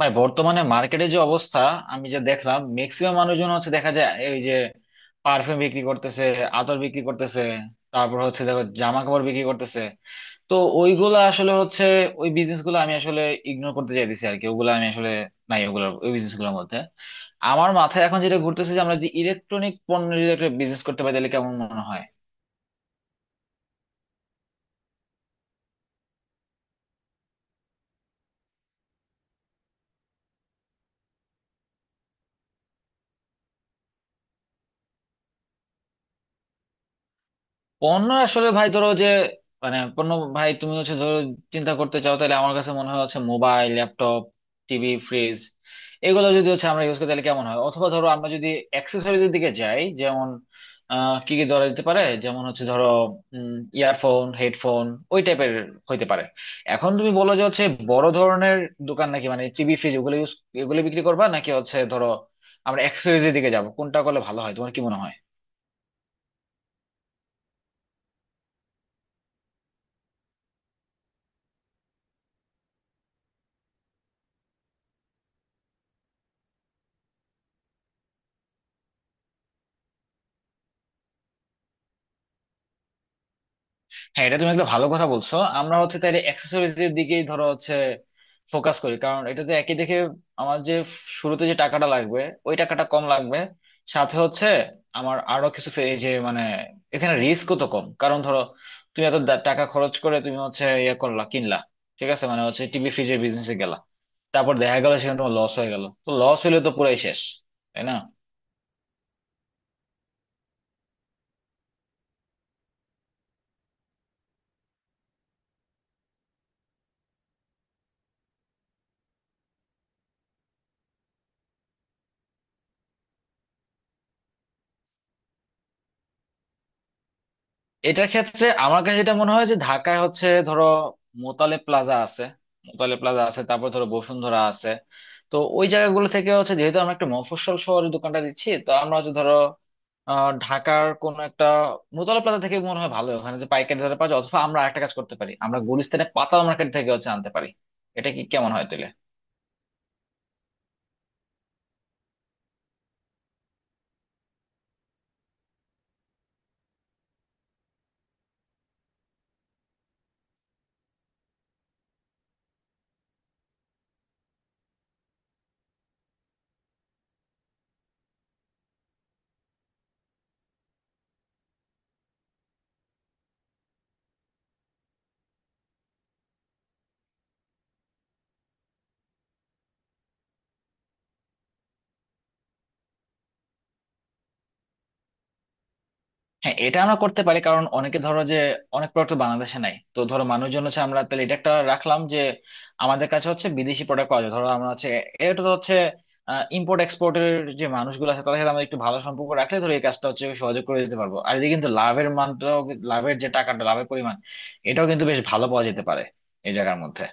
ভাই বর্তমানে মার্কেটে যে অবস্থা, আমি যে দেখলাম ম্যাক্সিমাম মানুষজন হচ্ছে দেখা যায় এই যে পারফিউম বিক্রি করতেছে, আতর বিক্রি করতেছে, তারপর হচ্ছে দেখো জামা কাপড় বিক্রি করতেছে। তো ওইগুলা আসলে হচ্ছে ওই বিজনেস গুলো আমি আসলে ইগনোর করতে চাইতেছি আর কি, ওগুলো আমি আসলে নাই ওগুলো ওই বিজনেস গুলোর মধ্যে। আমার মাথায় এখন যেটা ঘুরতেছে যে আমরা যে ইলেকট্রনিক পণ্য যদি একটা বিজনেস করতে পারি তাহলে কেমন মনে হয়? পণ্য আসলে ভাই ধরো যে, মানে পণ্য, ভাই তুমি হচ্ছে ধরো চিন্তা করতে চাও তাহলে আমার কাছে মনে হয় হচ্ছে মোবাইল, ল্যাপটপ, টিভি, ফ্রিজ, এগুলো যদি হচ্ছে আমরা ইউজ করি তাহলে কেমন হয়, অথবা ধরো আমরা যদি অ্যাক্সেসরিজের দিকে যাই, যেমন কি কি ধরা যেতে পারে যেমন হচ্ছে ধরো ইয়ারফোন, হেডফোন, ওই টাইপের হইতে পারে। এখন তুমি বলো যে হচ্ছে বড় ধরনের দোকান নাকি মানে টিভি ফ্রিজ ওগুলো ইউজ এগুলো বিক্রি করবা, নাকি হচ্ছে ধরো আমরা অ্যাক্সেসরিজের দিকে যাবো? কোনটা করলে ভালো হয়, তোমার কি মনে হয়? হ্যাঁ, এটা তুমি একটা ভালো কথা বলছো। আমরা হচ্ছে তাহলে অ্যাক্সেসরিজ এর দিকেই ধরো হচ্ছে ফোকাস করি, কারণ এটাতে একই দেখে আমার যে শুরুতে যে টাকাটা লাগবে ওই টাকাটা কম লাগবে। সাথে হচ্ছে আমার আরো কিছু এই যে মানে এখানে রিস্কও তো কম, কারণ ধরো তুমি এত টাকা খরচ করে তুমি হচ্ছে ইয়ে করলা, কিনলা, ঠিক আছে মানে হচ্ছে টিভি ফ্রিজের বিজনেসে গেলা, তারপর দেখা গেল সেখানে তোমার লস হয়ে গেল, তো লস হইলে তো পুরাই শেষ, তাই না? এটার ক্ষেত্রে আমার কাছে এটা মনে হয় যে ঢাকায় হচ্ছে ধরো মোতালে প্লাজা আছে, তারপর ধরো বসুন্ধরা আছে। তো ওই জায়গাগুলো থেকে হচ্ছে যেহেতু আমরা একটা মফস্বল শহরের দোকানটা দিচ্ছি, তো আমরা হচ্ছে ধরো ঢাকার কোন একটা মোতালে প্লাজা থেকে মনে হয় ভালো, ওখানে যে পাইকারি দরে পাওয়া যায়, অথবা আমরা একটা কাজ করতে পারি, আমরা গুলিস্তানের পাতা মার্কেট থেকে হচ্ছে আনতে পারি। এটা কি কেমন হয় তাহলে? হ্যাঁ, এটা আমরা করতে পারি, কারণ অনেকে ধরো যে অনেক প্রোডাক্ট বাংলাদেশে নাই, তো ধরো মানুষজন হচ্ছে আমরা তাহলে এটা একটা রাখলাম যে আমাদের কাছে হচ্ছে বিদেশি প্রোডাক্ট পাওয়া যায়। ধরো আমরা হচ্ছে এটা তো হচ্ছে ইম্পোর্ট এক্সপোর্টের যে মানুষগুলো আছে তাদের সাথে আমরা একটু ভালো সম্পর্ক রাখলে ধরো এই কাজটা হচ্ছে সহজে করে দিতে পারবো, আর এদিকে কিন্তু লাভের মানটাও, লাভের যে টাকাটা, লাভের পরিমাণ এটাও কিন্তু বেশ ভালো পাওয়া যেতে পারে এই জায়গার মধ্যে।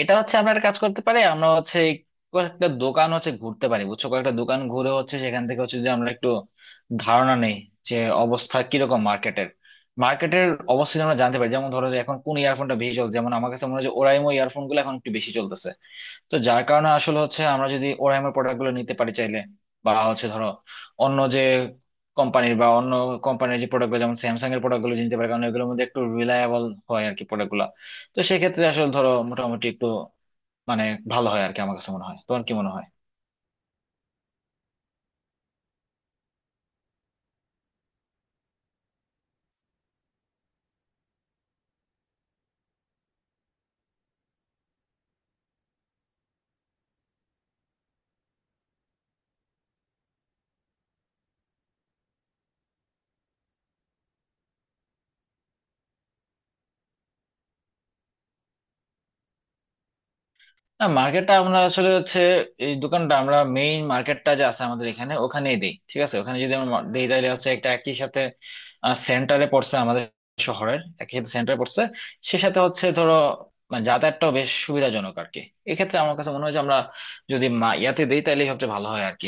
এটা হচ্ছে আমরা একটা কাজ করতে পারি, আমরা হচ্ছে এই কয়েকটা দোকান হচ্ছে ঘুরতে পারি, বুঝছো, কয়েকটা দোকান ঘুরে হচ্ছে সেখান থেকে হচ্ছে যে আমরা একটু ধারণা নেই যে অবস্থা কিরকম মার্কেটের মার্কেটের অবস্থা যদি আমরা জানতে পারি, যেমন ধরো যে এখন কোন ইয়ারফোনটা বেশি চলছে, যেমন আমার কাছে মনে হয় যে ওরাইমো ইয়ারফোন গুলো এখন একটু বেশি চলতেছে। তো যার কারণে আসলে হচ্ছে আমরা যদি ওরাইমোর প্রোডাক্ট গুলো নিতে পারি চাইলে, বা হচ্ছে ধরো অন্য যে কোম্পানির বা অন্য কোম্পানির যে প্রোডাক্ট গুলো, যেমন স্যামসাং এর প্রোডাক্ট গুলো নিতে পারি, কারণ এগুলোর মধ্যে একটু রিলায়েবল হয় আর কি প্রোডাক্ট গুলো। তো সেক্ষেত্রে আসলে ধরো মোটামুটি একটু মানে ভালো হয় আর কি, আমার কাছে মনে হয়, তোমার কি মনে হয়? না, মার্কেটটা আমরা আসলে হচ্ছে এই দোকানটা আমরা মেইন মার্কেটটা যে আছে আমাদের এখানে ওখানেই দেই, ঠিক আছে? ওখানে যদি আমরা দেই তাহলে হচ্ছে একটা একই সাথে সেন্টারে পড়ছে আমাদের শহরের, একই সাথে সেন্টারে পড়ছে, সে সাথে হচ্ছে ধরো মানে যাতায়াতটাও বেশ সুবিধাজনক আর কি। এক্ষেত্রে আমার কাছে মনে হয় যে আমরা যদি ইয়াতে দিই তাহলে সবচেয়ে ভালো হয় আর কি,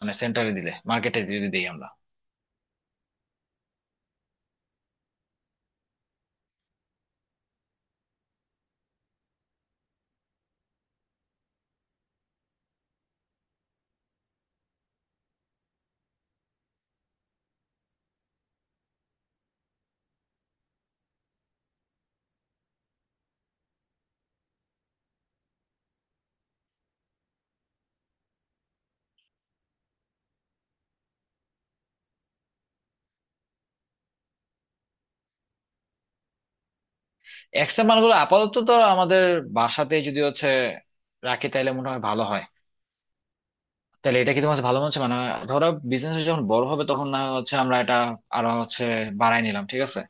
মানে সেন্টারে দিলে, মার্কেটে যদি দিই আমরা। এক্সট্রা মালগুলো আপাতত তো আমাদের বাসাতে যদি হচ্ছে রাখি তাহলে মনে হয় ভালো হয়। তাহলে এটা কি তোমার কাছে ভালো মনে হচ্ছে মানে? ধরো বিজনেস যখন বড় হবে তখন না হয় হচ্ছে আমরা এটা আরো হচ্ছে বাড়াই নিলাম, ঠিক আছে?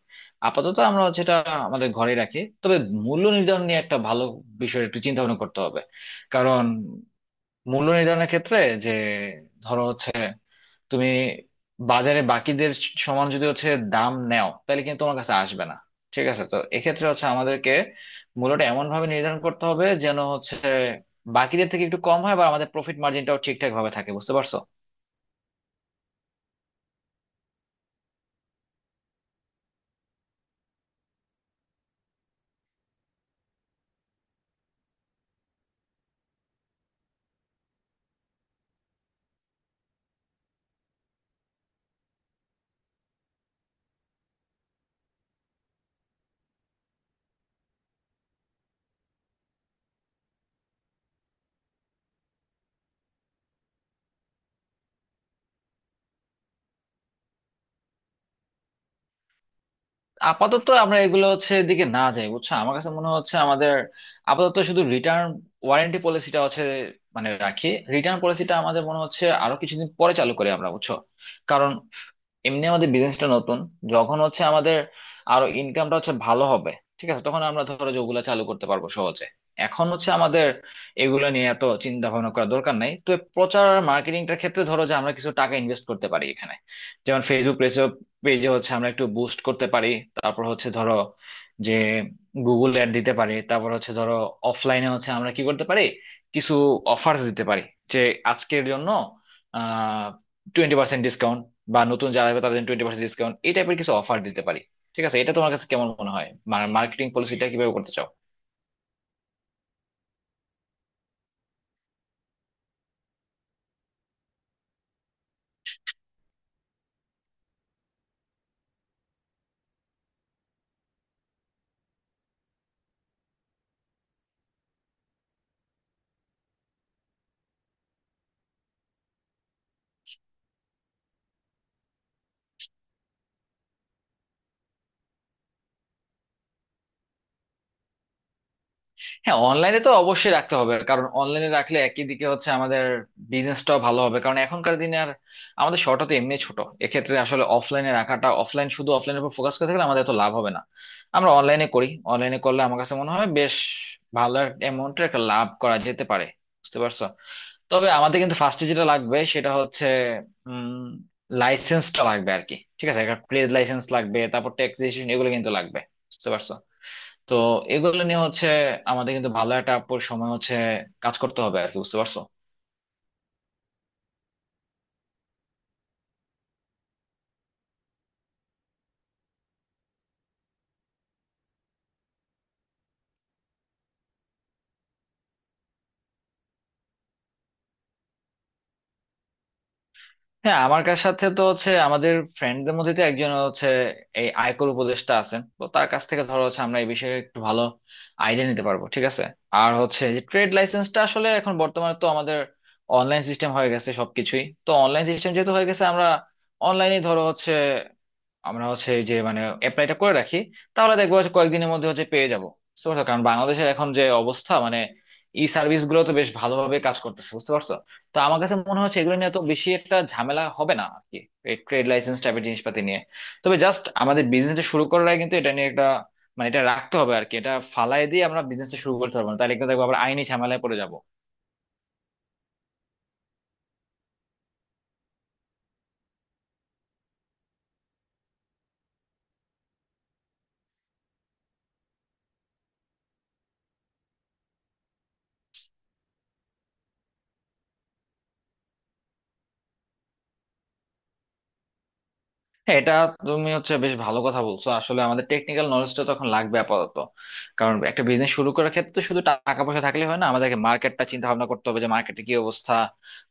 আপাতত আমরা হচ্ছে এটা আমাদের ঘরে রাখি। তবে মূল্য নির্ধারণ নিয়ে একটা ভালো বিষয় একটু চিন্তা ভাবনা করতে হবে, কারণ মূল্য নির্ধারণের ক্ষেত্রে যে, ধরো হচ্ছে তুমি বাজারে বাকিদের সমান যদি হচ্ছে দাম নেও তাহলে কিন্তু তোমার কাছে আসবে না, ঠিক আছে? তো এক্ষেত্রে হচ্ছে আমাদেরকে মূল্যটা এমন ভাবে নির্ধারণ করতে হবে যেন হচ্ছে বাকিদের থেকে একটু কম হয়, বা আমাদের প্রফিট মার্জিনটাও ঠিকঠাক ভাবে থাকে, বুঝতে পারছো? আপাতত আমরা এগুলো হচ্ছে এদিকে না যাই, বুঝছো, আমার কাছে মনে হচ্ছে আমাদের আপাতত শুধু রিটার্ন ওয়ারেন্টি পলিসিটা হচ্ছে মানে রাখি। রিটার্ন পলিসিটা আমাদের মনে হচ্ছে আরো কিছুদিন পরে চালু করি আমরা, বুঝছো? কারণ এমনি আমাদের বিজনেসটা নতুন, যখন হচ্ছে আমাদের আরো ইনকামটা হচ্ছে ভালো হবে, ঠিক আছে, তখন আমরা ধরো যে ওগুলা চালু করতে পারবো সহজে। এখন হচ্ছে আমাদের এগুলো নিয়ে এত চিন্তা ভাবনা করার দরকার নাই। তো প্রচার আর মার্কেটিংটার ক্ষেত্রে ধরো যে আমরা কিছু টাকা ইনভেস্ট করতে পারি এখানে, যেমন ফেসবুক পেজে, হচ্ছে আমরা একটু বুস্ট করতে পারি, তারপর হচ্ছে ধরো যে গুগল অ্যাড দিতে পারি, তারপর হচ্ছে ধরো অফলাইনে হচ্ছে আমরা কি করতে পারি কিছু অফার্স দিতে পারি যে আজকের জন্য 20% ডিসকাউন্ট, বা নতুন যারা আসবে তাদের 20% ডিসকাউন্ট, এই টাইপের কিছু অফার দিতে পারি। ঠিক আছে, এটা তোমার কাছে কেমন মনে হয়? মার্কেটিং পলিসিটা কিভাবে করতে চাও? হ্যাঁ, অনলাইনে তো অবশ্যই রাখতে হবে, কারণ অনলাইনে রাখলে একই দিকে হচ্ছে আমাদের বিজনেসটাও ভালো হবে, কারণ এখনকার দিনে আর আমাদের শর্টটা তো এমনি ছোট। এক্ষেত্রে আসলে অফলাইনে রাখাটা, অফলাইন শুধু অফলাইনের উপর ফোকাস করে থাকলে আমাদের তো লাভ হবে না। আমরা অনলাইনে করি, অনলাইনে করলে আমার কাছে মনে হয় বেশ ভালো অ্যামাউন্টের একটা amount এর একটা লাভ করা যেতে পারে, বুঝতে পারছো? তবে আমাদের কিন্তু ফার্স্টে যেটা লাগবে সেটা হচ্ছে উম লাইসেন্সটা লাগবে আর কি, ঠিক আছে, একটা ট্রেড লাইসেন্স লাগবে, তারপর ট্যাক্স রেজিস্ট্রেশন, এগুলো কিন্তু লাগবে, বুঝতে পারছো? তো এগুলো নিয়ে হচ্ছে আমাদের কিন্তু ভালো একটা আপুর সময় হচ্ছে কাজ করতে হবে আর কি, বুঝতে পারছো? হ্যাঁ, আমার কার সাথে তো হচ্ছে আমাদের ফ্রেন্ডদের মধ্যে তো একজন হচ্ছে এই আয়কর উপদেষ্টা আছেন, তো তার কাছ থেকে ধরো হচ্ছে আমরা এই বিষয়ে একটু ভালো আইডিয়া নিতে পারবো, ঠিক আছে। আর হচ্ছে যে ট্রেড লাইসেন্সটা আসলে এখন বর্তমানে তো আমাদের অনলাইন সিস্টেম হয়ে গেছে, সবকিছুই তো অনলাইন সিস্টেম, যেহেতু হয়ে গেছে আমরা অনলাইনে ধরো হচ্ছে আমরা হচ্ছে এই যে মানে অ্যাপ্লাইটা করে রাখি, তাহলে দেখবো হচ্ছে কয়েকদিনের মধ্যে হচ্ছে পেয়ে যাবো, বুঝতে পারছো? কারণ বাংলাদেশের এখন যে অবস্থা মানে ই সার্ভিস গুলো তো বেশ ভালোভাবে কাজ করতেছে, বুঝতে পারছো? তো আমার কাছে মনে হচ্ছে এগুলো নিয়ে তো বেশি একটা ঝামেলা হবে না আর কি, এই ট্রেড লাইসেন্স টাইপের জিনিসপাতি নিয়ে। তবে জাস্ট আমাদের বিজনেসটা শুরু করার আগে কিন্তু এটা নিয়ে একটা মানে এটা রাখতে হবে আর কি, এটা ফালাই দিয়ে আমরা বিজনেসটা শুরু করতে পারবো না, তাহলে কিন্তু দেখবো আবার আইনি ঝামেলায় পড়ে যাব। হ্যাঁ, এটা তুমি হচ্ছে বেশ ভালো কথা বলছো, আসলে আমাদের টেকনিক্যাল নলেজটা তখন লাগবে আপাতত, কারণ একটা বিজনেস শুরু করার ক্ষেত্রে তো শুধু টাকা পয়সা থাকলে হয় না, আমাদেরকে মার্কেটটা চিন্তা ভাবনা করতে হবে যে মার্কেটে কি অবস্থা।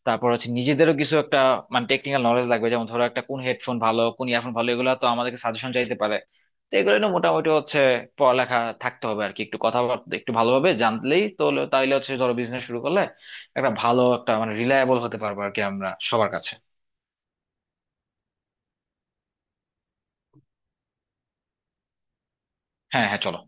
তারপর হচ্ছে নিজেদেরও কিছু একটা মানে টেকনিক্যাল নলেজ লাগবে, যেমন ধরো একটা কোন হেডফোন ভালো, কোন ইয়ারফোন ভালো, এগুলো তো আমাদেরকে সাজেশন চাইতে পারে। তো এগুলো নিয়ে মোটামুটি হচ্ছে পড়ালেখা থাকতে হবে আর কি, একটু কথাবার্তা একটু ভালোভাবে তাইলে হচ্ছে ধরো বিজনেস শুরু করলে একটা ভালো একটা মানে রিলায়েবল হতে পারবো আর কি আমরা সবার কাছে। হ্যাঁ, হ্যাঁ, চলো।